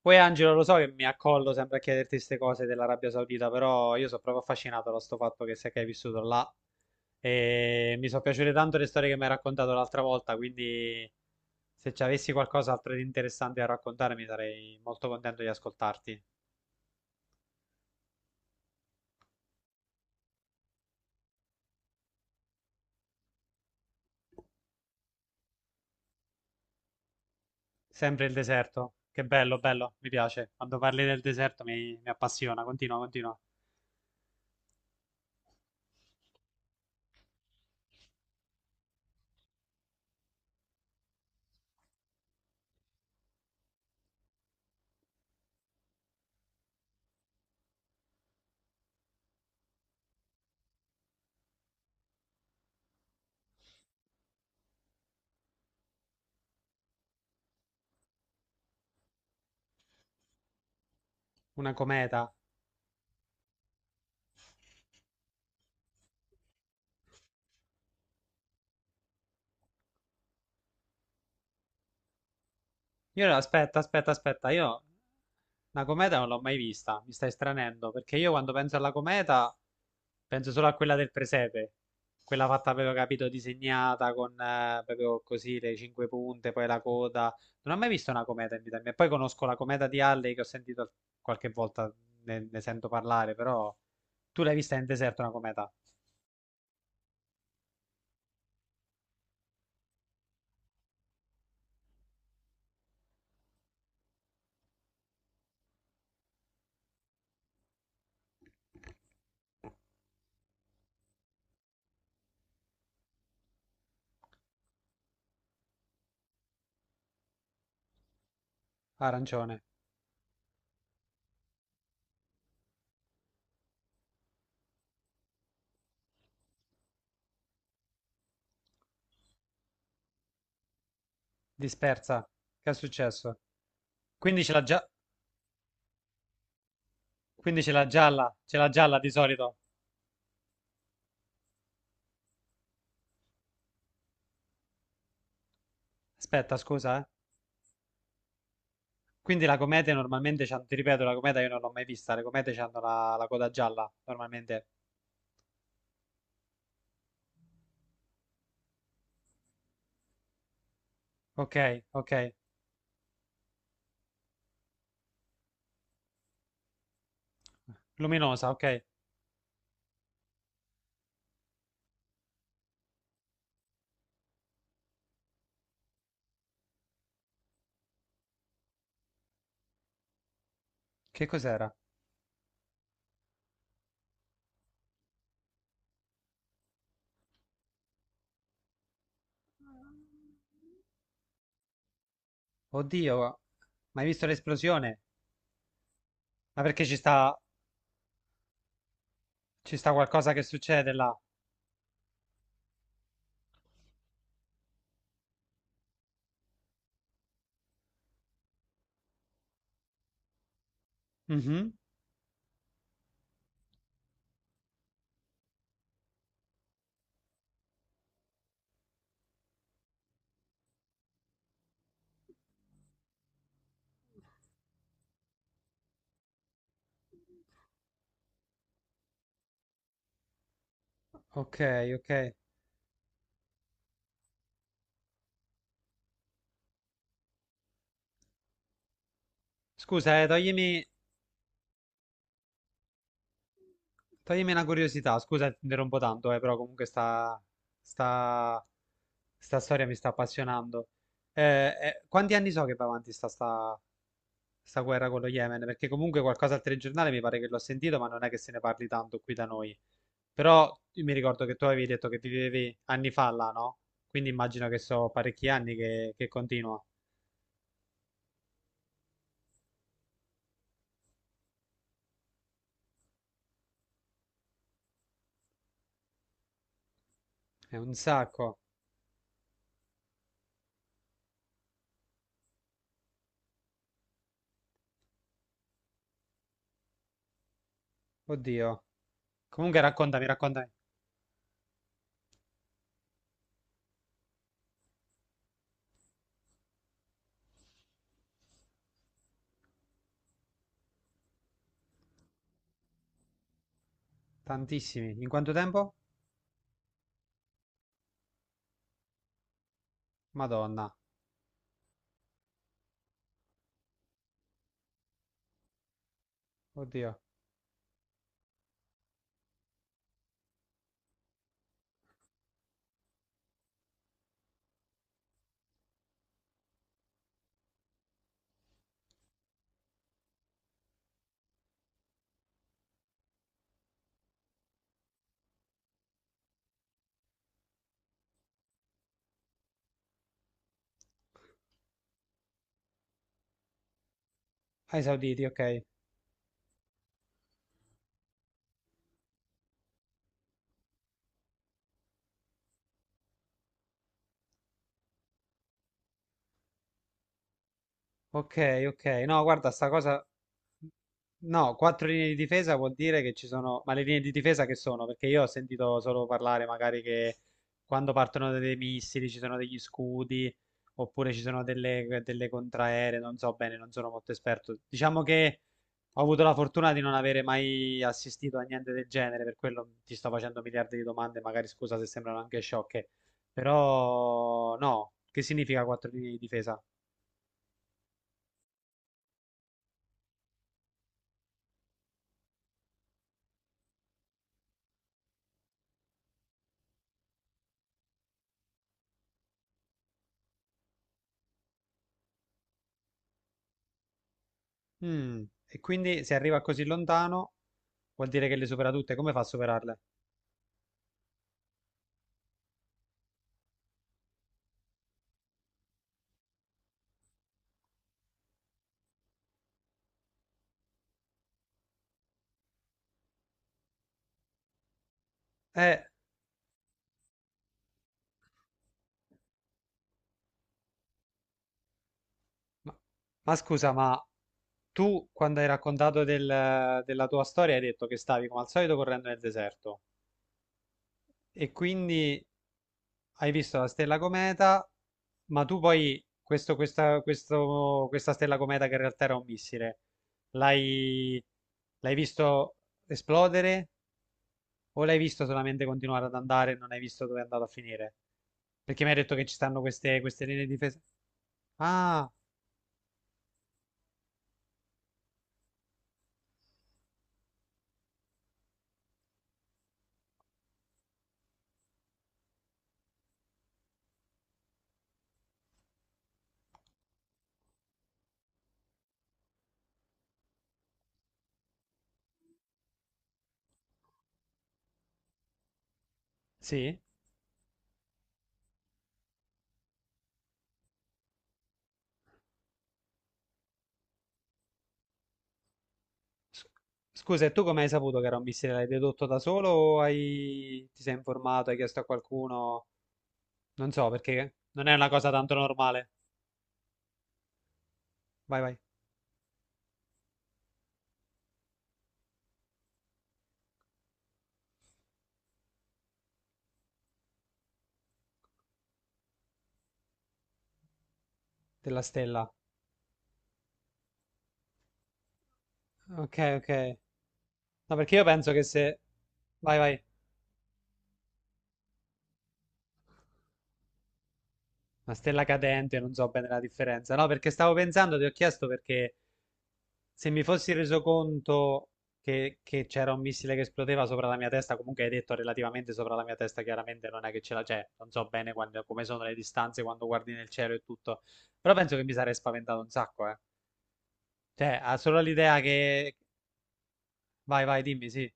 Poi Angelo, lo so che mi accollo sempre a chiederti queste cose dell'Arabia Saudita, però io sono proprio affascinato da sto fatto che sei che hai vissuto là e mi sono piaciute tanto le storie che mi hai raccontato l'altra volta, quindi se ci avessi qualcos'altro di interessante da raccontarmi sarei molto contento di ascoltarti. Sempre il deserto, che bello, bello, mi piace. Quando parli del deserto mi appassiona, continua, continua. Una cometa. Io no, aspetta, aspetta, aspetta, io una cometa non l'ho mai vista, mi stai stranendo, perché io quando penso alla cometa penso solo a quella del presepe, quella fatta, avevo capito, disegnata con proprio così le cinque punte, poi la coda. Non ho mai visto una cometa in vita mia. Poi conosco la cometa di Halley che ho sentito qualche volta, ne sento parlare, però tu l'hai vista in deserto una cometa? Arancione, dispersa, che è successo? Quindi ce l'ha già, quindi ce l'ha gialla di solito. Aspetta, scusa, eh. Quindi la comete normalmente c'ha, ti ripeto, la cometa io non l'ho mai vista, le comete hanno la coda gialla, normalmente. Ok, ok. Luminosa, ok. Che cos'era? Oddio, ma hai visto l'esplosione? Ma perché ci sta qualcosa che succede là? Mhm. Ok, ok. Scusa, toglimi, toglimi una curiosità, scusa, ti interrompo tanto, però comunque sta, sta storia mi sta appassionando. Quanti anni so che va avanti sta guerra con lo Yemen, perché comunque qualcosa al telegiornale mi pare che l'ho sentito, ma non è che se ne parli tanto qui da noi. Però io mi ricordo che tu avevi detto che vivevi anni fa là, no? Quindi immagino che so parecchi anni che continua. È un sacco. Oddio. Comunque raccontami, raccontami. Tantissimi. In quanto tempo? Madonna. Oddio. Ai Sauditi, ok. Ok, ok. No, guarda, sta cosa... No, quattro linee di difesa vuol dire che ci sono... Ma le linee di difesa che sono? Perché io ho sentito solo parlare magari che quando partono dei missili ci sono degli scudi, oppure ci sono delle contraeree, non so bene, non sono molto esperto. Diciamo che ho avuto la fortuna di non avere mai assistito a niente del genere, per quello ti sto facendo miliardi di domande, magari scusa se sembrano anche sciocche. Però no, che significa quattro linee di difesa? Mm, e quindi se arriva così lontano vuol dire che le supera tutte. Come fa a superarle? Eh, ma, ma scusa, ma tu quando hai raccontato della tua storia hai detto che stavi come al solito correndo nel deserto e quindi hai visto la stella cometa, ma tu poi questa stella cometa che in realtà era un missile, l'hai l'hai visto esplodere? O l'hai visto solamente continuare ad andare e non hai visto dove è andato a finire? Perché mi hai detto che ci stanno queste linee di difesa. Ah, sì? S- Scusa, e tu come hai saputo che era un missile? L'hai dedotto da solo o hai... ti sei informato, hai chiesto a qualcuno? Non so, perché non è una cosa tanto normale. Vai, vai, della stella. Ok, ok. No, perché io penso che se... Vai, vai. Una stella cadente, non so bene la differenza. No, perché stavo pensando, ti ho chiesto perché se mi fossi reso conto che c'era un missile che esplodeva sopra la mia testa, comunque hai detto relativamente sopra la mia testa, chiaramente non è che ce la c'è, non so bene come sono le distanze quando guardi nel cielo e tutto, però penso che mi sarei spaventato un sacco, eh. Cioè, ha solo l'idea che... Vai, vai, dimmi, sì,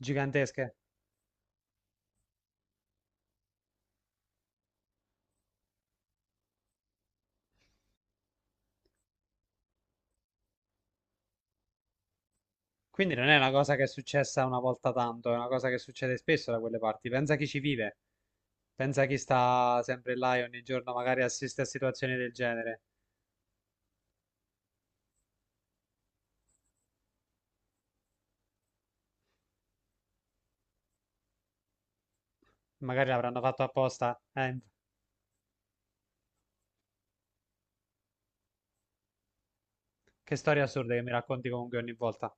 gigantesche. Quindi non è una cosa che è successa una volta tanto, è una cosa che succede spesso da quelle parti. Pensa a chi ci vive, pensa a chi sta sempre là e ogni giorno magari assiste a situazioni del genere. Magari l'avranno fatto apposta, che storie assurde che mi racconti comunque ogni volta.